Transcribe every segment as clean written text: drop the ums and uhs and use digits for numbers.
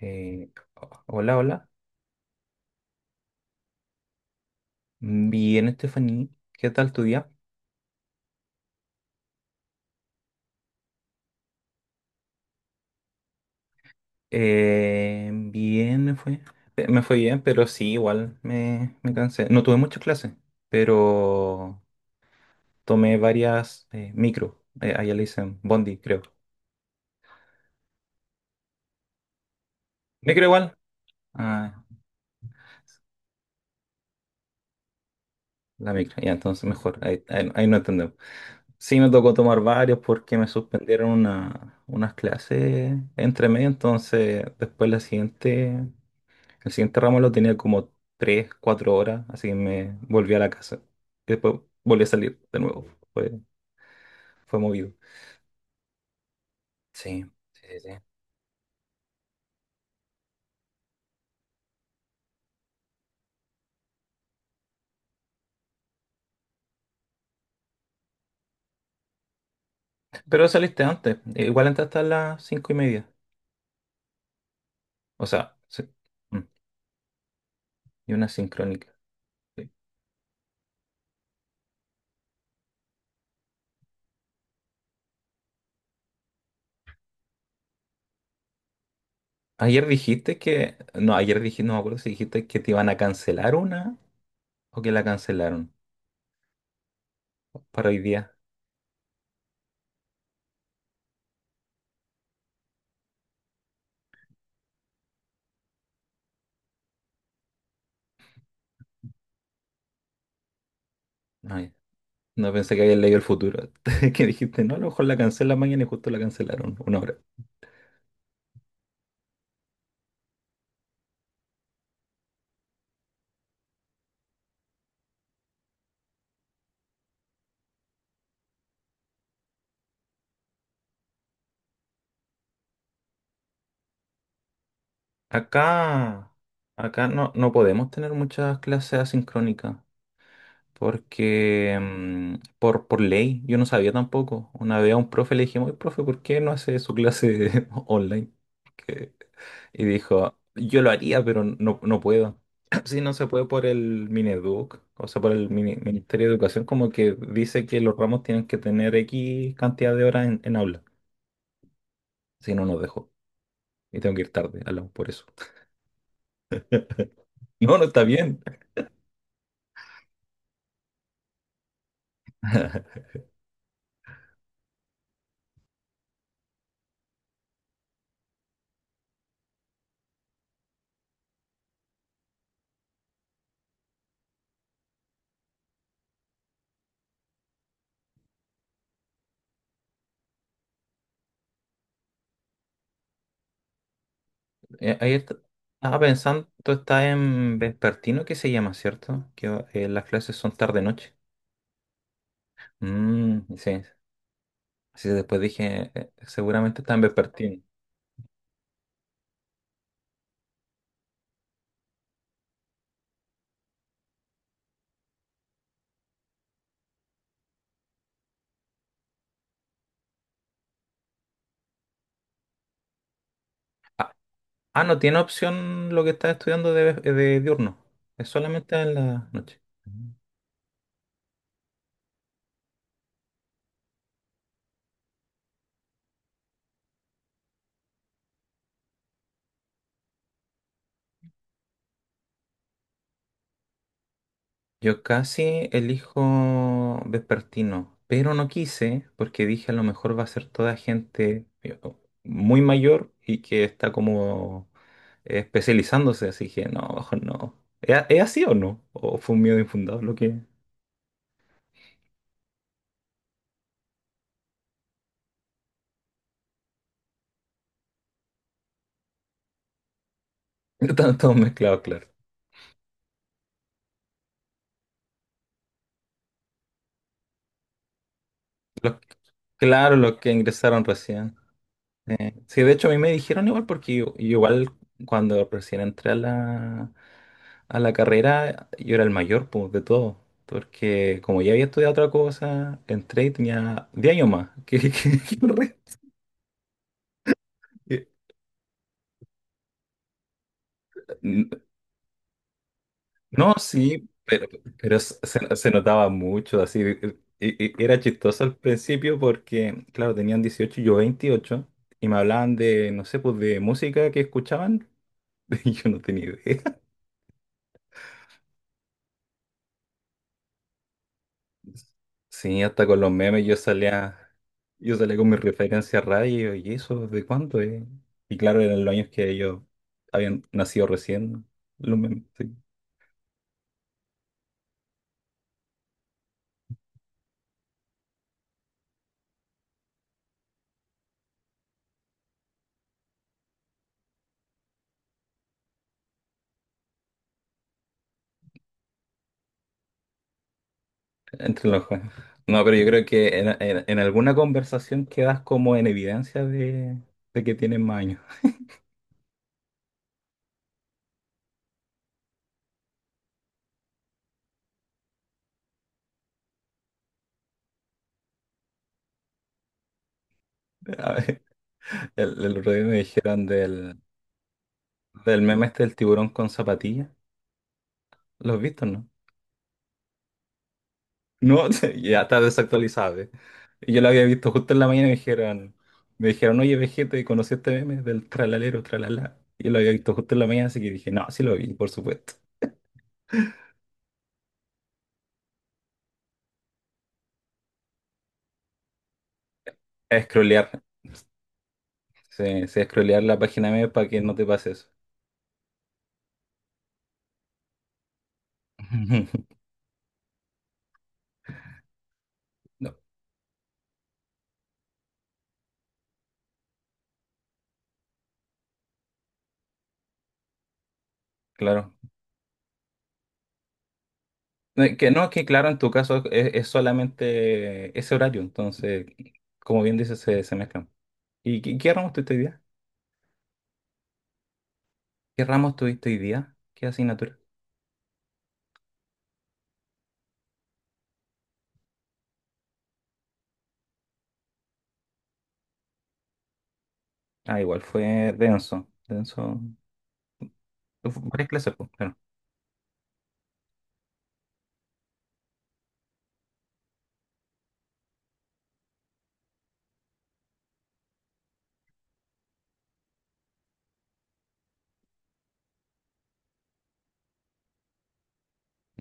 Eh, Hola, hola. Bien, Estefanía. ¿Qué tal tu día? Bien, me fue. Me fue bien, pero sí, igual me cansé. No tuve muchas clases, pero tomé varias micro. Allá le dicen Bondi, creo. ¿Micro igual? Ah, la micro. Ya, entonces mejor. Ahí no entendemos. Sí, me tocó tomar varios porque me suspendieron unas clases entre medio, entonces después la siguiente. El siguiente ramo lo tenía como 3 4 horas, así que me volví a la casa. Y después volví a salir de nuevo. Fue, fue movido. Sí, sí, sí. Sí. Pero saliste antes. Igual entraste a las 5:30. O sea, sí. Mm, Y una sincrónica. Sí. Ayer dijiste que... No, ayer dijiste, no me acuerdo si dijiste que te iban a cancelar una o que la cancelaron para hoy día. Ay, no pensé que habías leído el futuro. Que dijiste, no, a lo mejor la cancelan mañana y justo la cancelaron una hora. Acá, acá no, no podemos tener muchas clases asincrónicas porque por ley, yo no sabía tampoco. Una vez a un profe le dijimos, "Oye, profe, ¿por qué no hace su clase online?" Que- y dijo, yo lo haría, pero no, no puedo. Sí, no se puede por el Mineduc, o sea, por el Ministerio de Educación, como que dice que los ramos tienen que tener X cantidad de horas en, aula. Si no, nos dejó. Y tengo que ir tarde, hablamos por eso. No, no está bien. Ayer estaba pensando, tú estás en vespertino, que se llama, ¿cierto? Las clases son tarde-noche. Mm, sí. Así que después dije, seguramente está en vespertino. Ah, ah, no tiene opción lo que estás estudiando de diurno. Es solamente en la noche. Mm. Yo casi elijo vespertino, pero no quise porque dije a lo mejor va a ser toda gente muy mayor y que está como especializándose, así que no, mejor no. ¿Es así o no? ¿O fue un miedo infundado lo que...? Están todos mezclados, claro. Los- claro, los que ingresaron recién. Sí, de hecho a mí me dijeron igual porque yo igual cuando recién entré a la carrera yo era el mayor pues, de todo. Porque como ya había estudiado otra cosa, entré y tenía 10 años más que, que el resto. No, sí, pero se notaba mucho, así, y era chistoso al principio porque, claro, tenían 18 y yo 28 y me hablaban de, no sé, pues de música que escuchaban, y yo no tenía idea. Sí, hasta con los memes yo salía, con mis referencias radio, y eso, ¿de cuánto es? Y claro, eran los años que ellos habían nacido recién, los memes, sí. Entre los jueces. No, pero yo creo que en, en alguna conversación quedas como en evidencia de, que tienen más años. A ver, el otro día me dijeron del meme este del tiburón con zapatillas. ¿Lo has visto, no? No, ya está desactualizado. ¿Eh? Y yo lo había visto justo en la mañana y me dijeron, oye, Vegeta, ¿y conocí este meme del tralalero, tralala? Y lo había visto justo en la mañana, así que dije, no, sí lo vi, por supuesto. Scrollear, sí, sí, scrollear la página meme para que no te pase eso. No, claro. No, es que no, es que claro, en tu caso es solamente ese horario, entonces, como bien dices, se mezclan. ¿Y qué ramos tuviste hoy día? ¿Qué ramos tuviste hoy día? ¿Qué asignatura? Ah, igual fue denso, denso. Varias clases, pues, claro.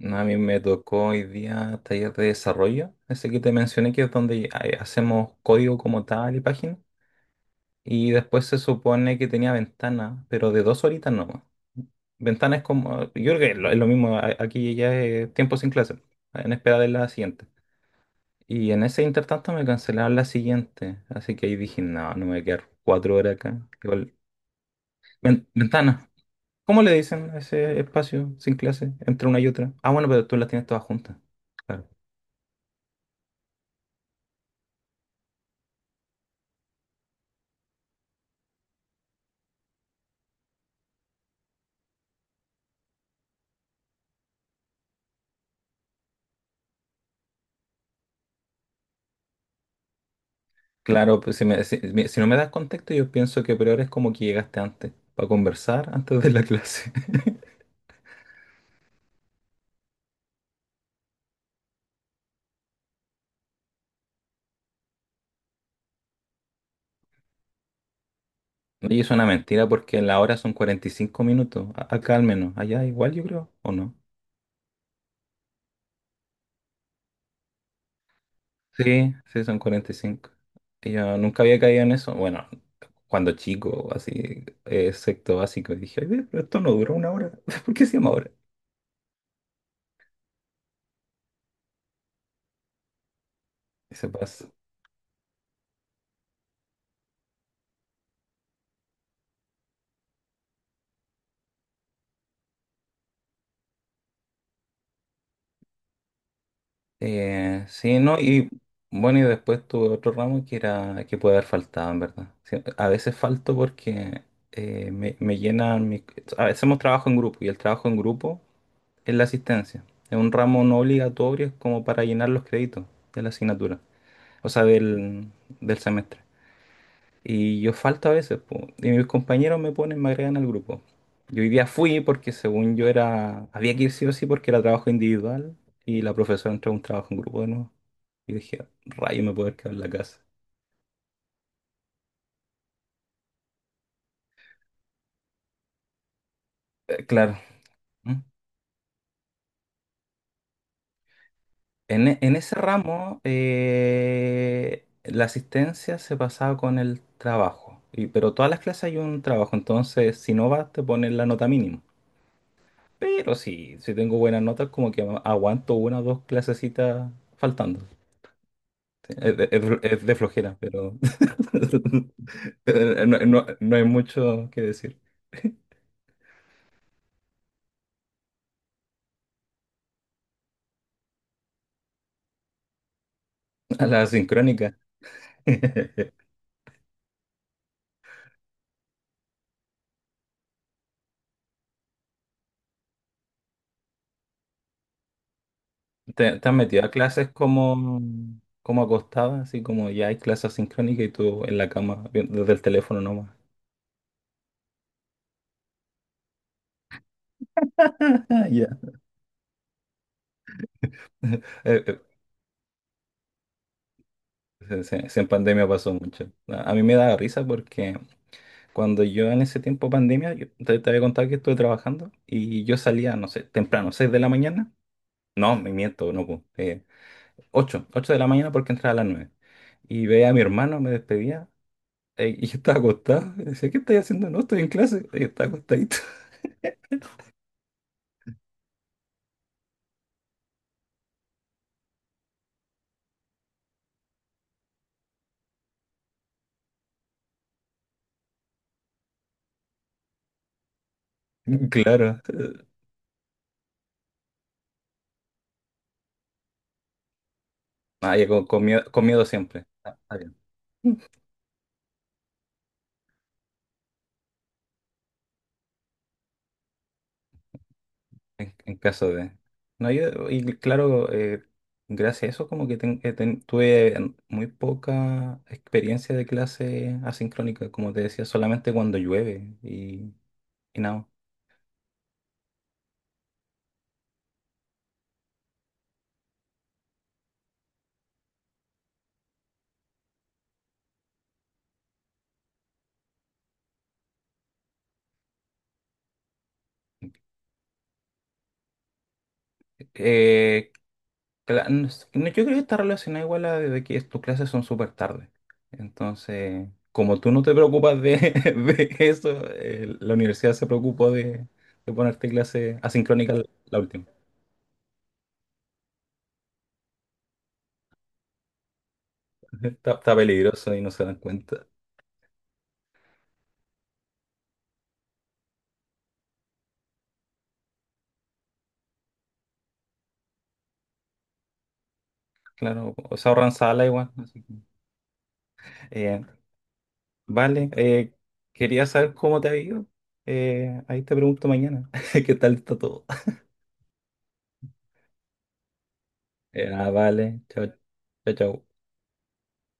No, a mí me tocó hoy día taller de desarrollo, ese que te mencioné que es donde hacemos código como tal y páginas. Y después se supone que tenía ventana, pero de dos horitas no. Ventana es como, yo creo que es lo mismo, aquí ya es tiempo sin clase, en espera de la siguiente. Y en ese intertanto me cancelaron la siguiente, así que ahí dije, no, no me voy a quedar 4 horas acá. Igual, ventana, ¿cómo le dicen a ese espacio sin clase entre una y otra? Ah, bueno, pero tú las tienes todas juntas. Claro, claro, pues si no me das contexto, yo pienso que peor es como que llegaste antes, para conversar antes de la clase. Y es una mentira porque la hora son 45 minutos, acá al menos, allá igual yo creo, ¿o no? Sí, sí, son 45. Y yo nunca había caído en eso, bueno, cuando chico, así, sexto básico, y dije, "Ay, ve, pero esto no duró una hora, ¿por qué se llama hora?" Y se pasa. Sí, no, y bueno, y después tuve otro ramo que era, que puede haber faltado, en verdad. Sí, a veces falto porque me llenan, a veces hacemos trabajo en grupo, y el trabajo en grupo es la asistencia. Es un ramo no obligatorio, es como para llenar los créditos de la asignatura, o sea, del semestre. Y yo falto a veces, po, y mis compañeros me ponen, me agregan al grupo. Yo hoy día fui porque según yo era, había que ir sí o sí porque era trabajo individual y la profesora entró a un trabajo en grupo de nuevo. Y dije, rayo, me puedo haber quedado en la casa. Claro. ¿Mm? En ese ramo, la asistencia se pasaba con el trabajo, y, pero todas las clases hay un trabajo, entonces si no vas te ponen la nota mínima. Pero sí, si tengo buenas notas, como que aguanto una o dos clasecitas faltando. Sí, es de flojera, pero no hay mucho que decir. A la sincrónica. ¿Te has metido a clases como, como acostada, así como ya hay clases sincrónicas y tú en la cama, desde el teléfono nomás? Ah, ya. Eh, eh, se en pandemia pasó mucho. A mí me daba risa porque cuando yo en ese tiempo pandemia, yo te había contado que estuve trabajando y yo salía, no sé, temprano, 6 de la mañana. No, me miento, no, pues, 8, 8 de la mañana porque entraba a las 9. Y veía a mi hermano, me despedía y yo estaba acostado. Y decía, ¿qué estás haciendo? No, estoy en clase. Y yo estaba acostadito. Claro. Ah, ya con miedo, con miedo siempre. Ah, está bien. En caso de... No, y claro, gracias a eso como que tuve muy poca experiencia de clase asincrónica, como te decía, solamente cuando llueve y nada. Eh, no sé, no, yo creo que está relacionado igual a de que tus clases son súper tarde. Entonces, como tú no te preocupas de, de eso, la universidad se preocupó de ponerte clases asincrónicas la última. Está peligroso y no se dan cuenta. Claro, o se ahorran sala igual. Así que, eh, vale, quería saber cómo te ha ido. Ahí te pregunto mañana. ¿Qué tal está todo? Ah, vale, chao, chao, chao.